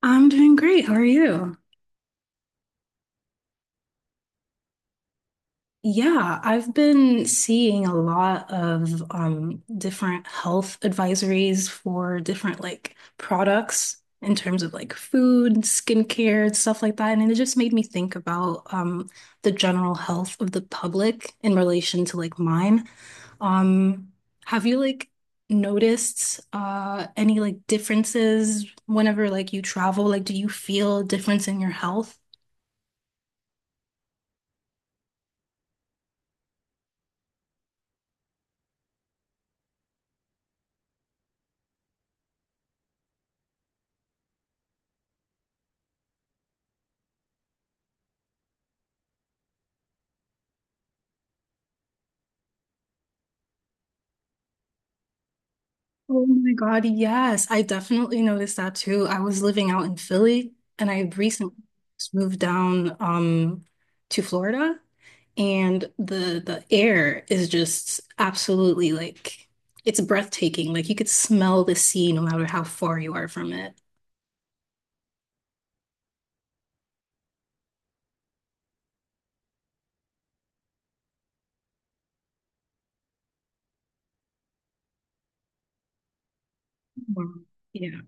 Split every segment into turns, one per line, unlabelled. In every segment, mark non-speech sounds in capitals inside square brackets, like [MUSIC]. I'm doing great. How are you? Yeah, I've been seeing a lot of different health advisories for different like products in terms of like food, skincare, and stuff like that. And it just made me think about the general health of the public in relation to like mine. Um, have you like noticed any like differences whenever like you travel? Like, do you feel a difference in your health? Oh my God, yes. I definitely noticed that too. I was living out in Philly and I had recently just moved down to Florida and the air is just absolutely like it's breathtaking. Like you could smell the sea no matter how far you are from it. Wow. Yeah.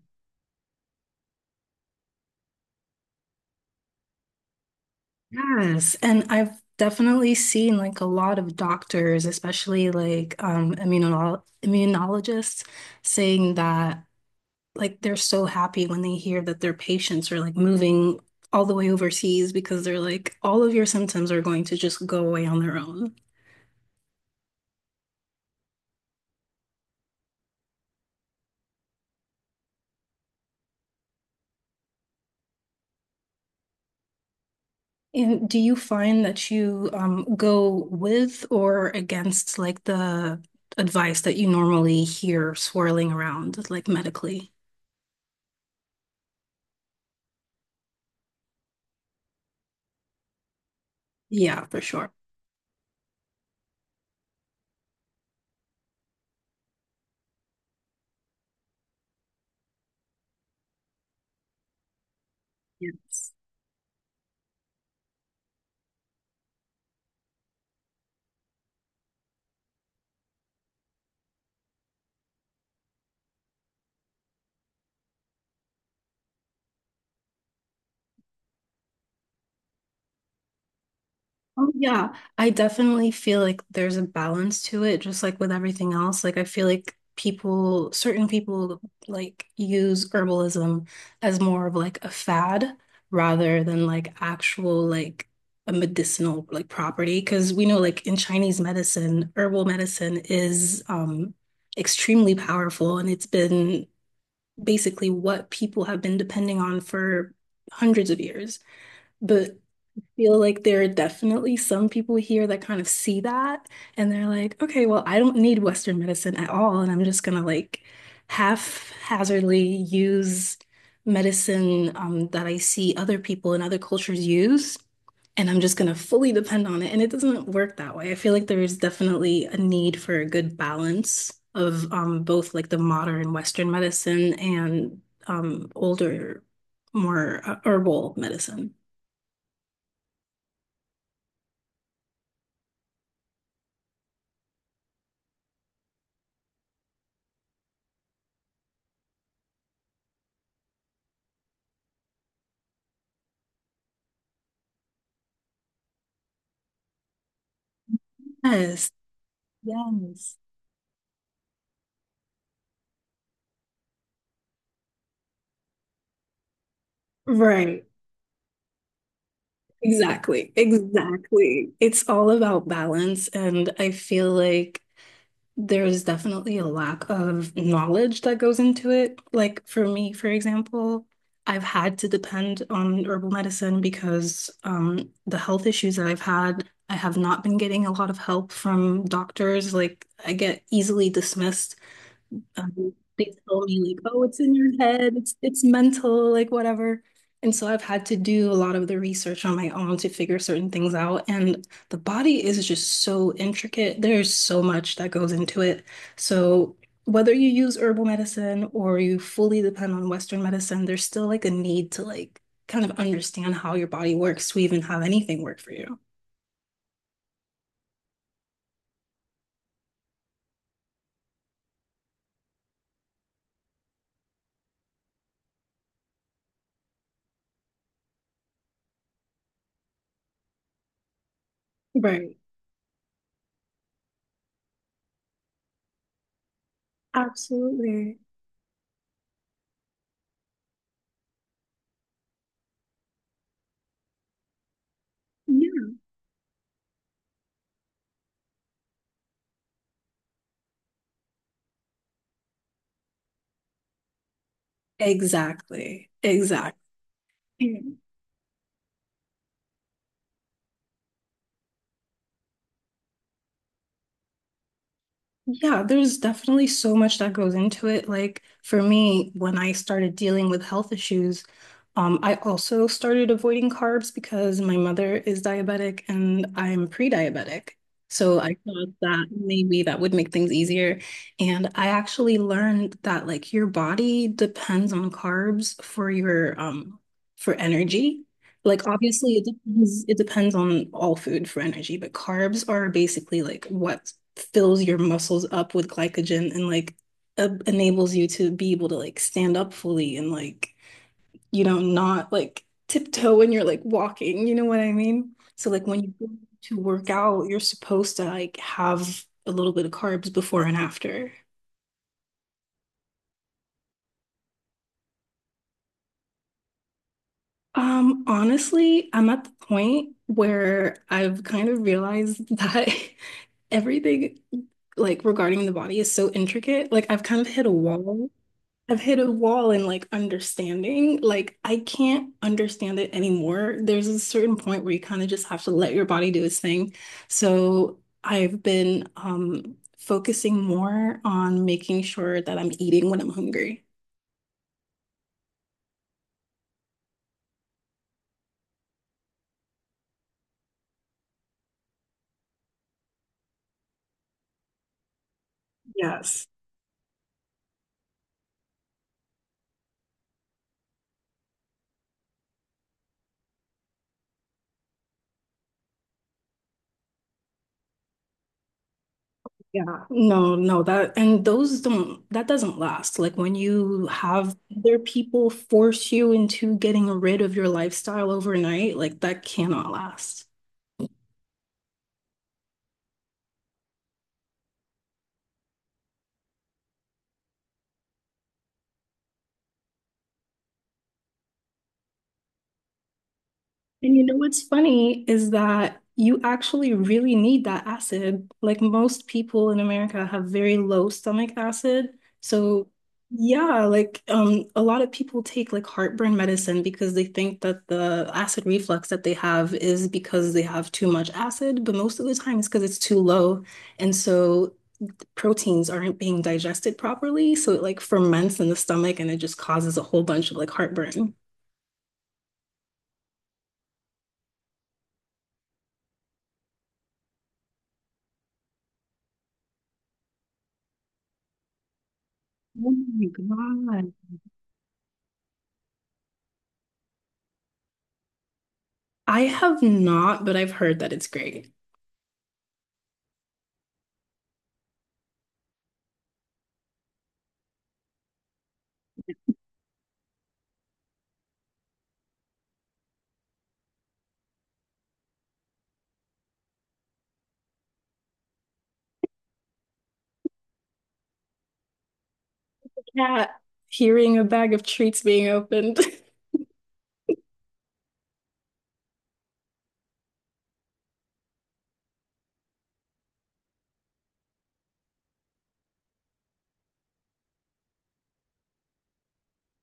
Yes. And I've definitely seen like a lot of doctors, especially like immunologists, saying that like they're so happy when they hear that their patients are like moving all the way overseas because they're like, all of your symptoms are going to just go away on their own. And do you find that you go with or against like the advice that you normally hear swirling around, like medically? Yeah, for sure. Yes. Oh, yeah. I definitely feel like there's a balance to it, just like with everything else. Like, I feel like people, certain people, like use herbalism as more of like a fad rather than like actual, like a medicinal like property. Because we know, like in Chinese medicine, herbal medicine is extremely powerful and it's been basically what people have been depending on for hundreds of years. But feel like there are definitely some people here that kind of see that and they're like, okay, well, I don't need Western medicine at all, and I'm just gonna like haphazardly use medicine that I see other people in other cultures use, and I'm just gonna fully depend on it. And it doesn't work that way. I feel like there is definitely a need for a good balance of both like the modern Western medicine and older, more herbal medicine. Yes. Yes. Right. Exactly. Exactly. It's all about balance. And I feel like there's definitely a lack of knowledge that goes into it. Like for me, for example, I've had to depend on herbal medicine because the health issues that I've had, I have not been getting a lot of help from doctors. Like I get easily dismissed. They tell me like, oh, it's in your head, it's mental, like whatever. And so I've had to do a lot of the research on my own to figure certain things out. And the body is just so intricate. There's so much that goes into it. So whether you use herbal medicine or you fully depend on Western medicine, there's still like a need to like kind of understand how your body works to even have anything work for you. Right. Absolutely. Yeah. Exactly. Exactly. Yeah, there's definitely so much that goes into it. Like for me, when I started dealing with health issues, I also started avoiding carbs because my mother is diabetic and I'm pre-diabetic. So I thought that maybe that would make things easier. And I actually learned that like your body depends on carbs for your for energy. Like obviously it depends on all food for energy, but carbs are basically like what fills your muscles up with glycogen and like enables you to be able to like stand up fully and like you know not like tiptoe when you're like walking, you know what I mean, so like when you go to work out you're supposed to like have a little bit of carbs before and after. Honestly I'm at the point where I've kind of realized that [LAUGHS] everything like regarding the body is so intricate, like I've kind of hit a wall. I've hit a wall in like understanding. Like I can't understand it anymore. There's a certain point where you kind of just have to let your body do its thing. So I've been focusing more on making sure that I'm eating when I'm hungry. Yes. Yeah. No, no, that and those don't that doesn't last. Like when you have other people force you into getting rid of your lifestyle overnight, like that cannot last. And you know what's funny is that you actually really need that acid. Like most people in America have very low stomach acid. So yeah, like a lot of people take like heartburn medicine because they think that the acid reflux that they have is because they have too much acid, but most of the time it's because it's too low. And so proteins aren't being digested properly. So it like ferments in the stomach and it just causes a whole bunch of like heartburn. Oh my God. I have not, but I've heard that it's great. Cat hearing a bag of treats being opened. [LAUGHS]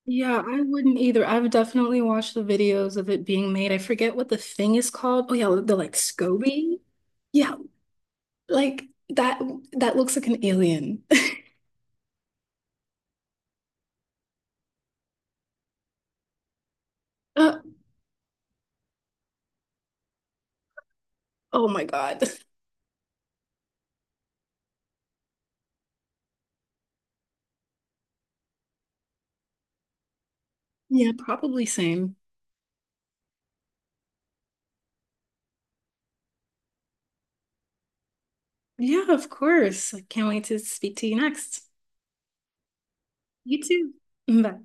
Yeah, I wouldn't either. I've definitely watched the videos of it being made. I forget what the thing is called. Oh yeah, the like SCOBY. Yeah, like that that looks like an alien. [LAUGHS] Uh, oh my God. Yeah, probably same. Yeah, of course. I can't wait to speak to you next. You too. Bye.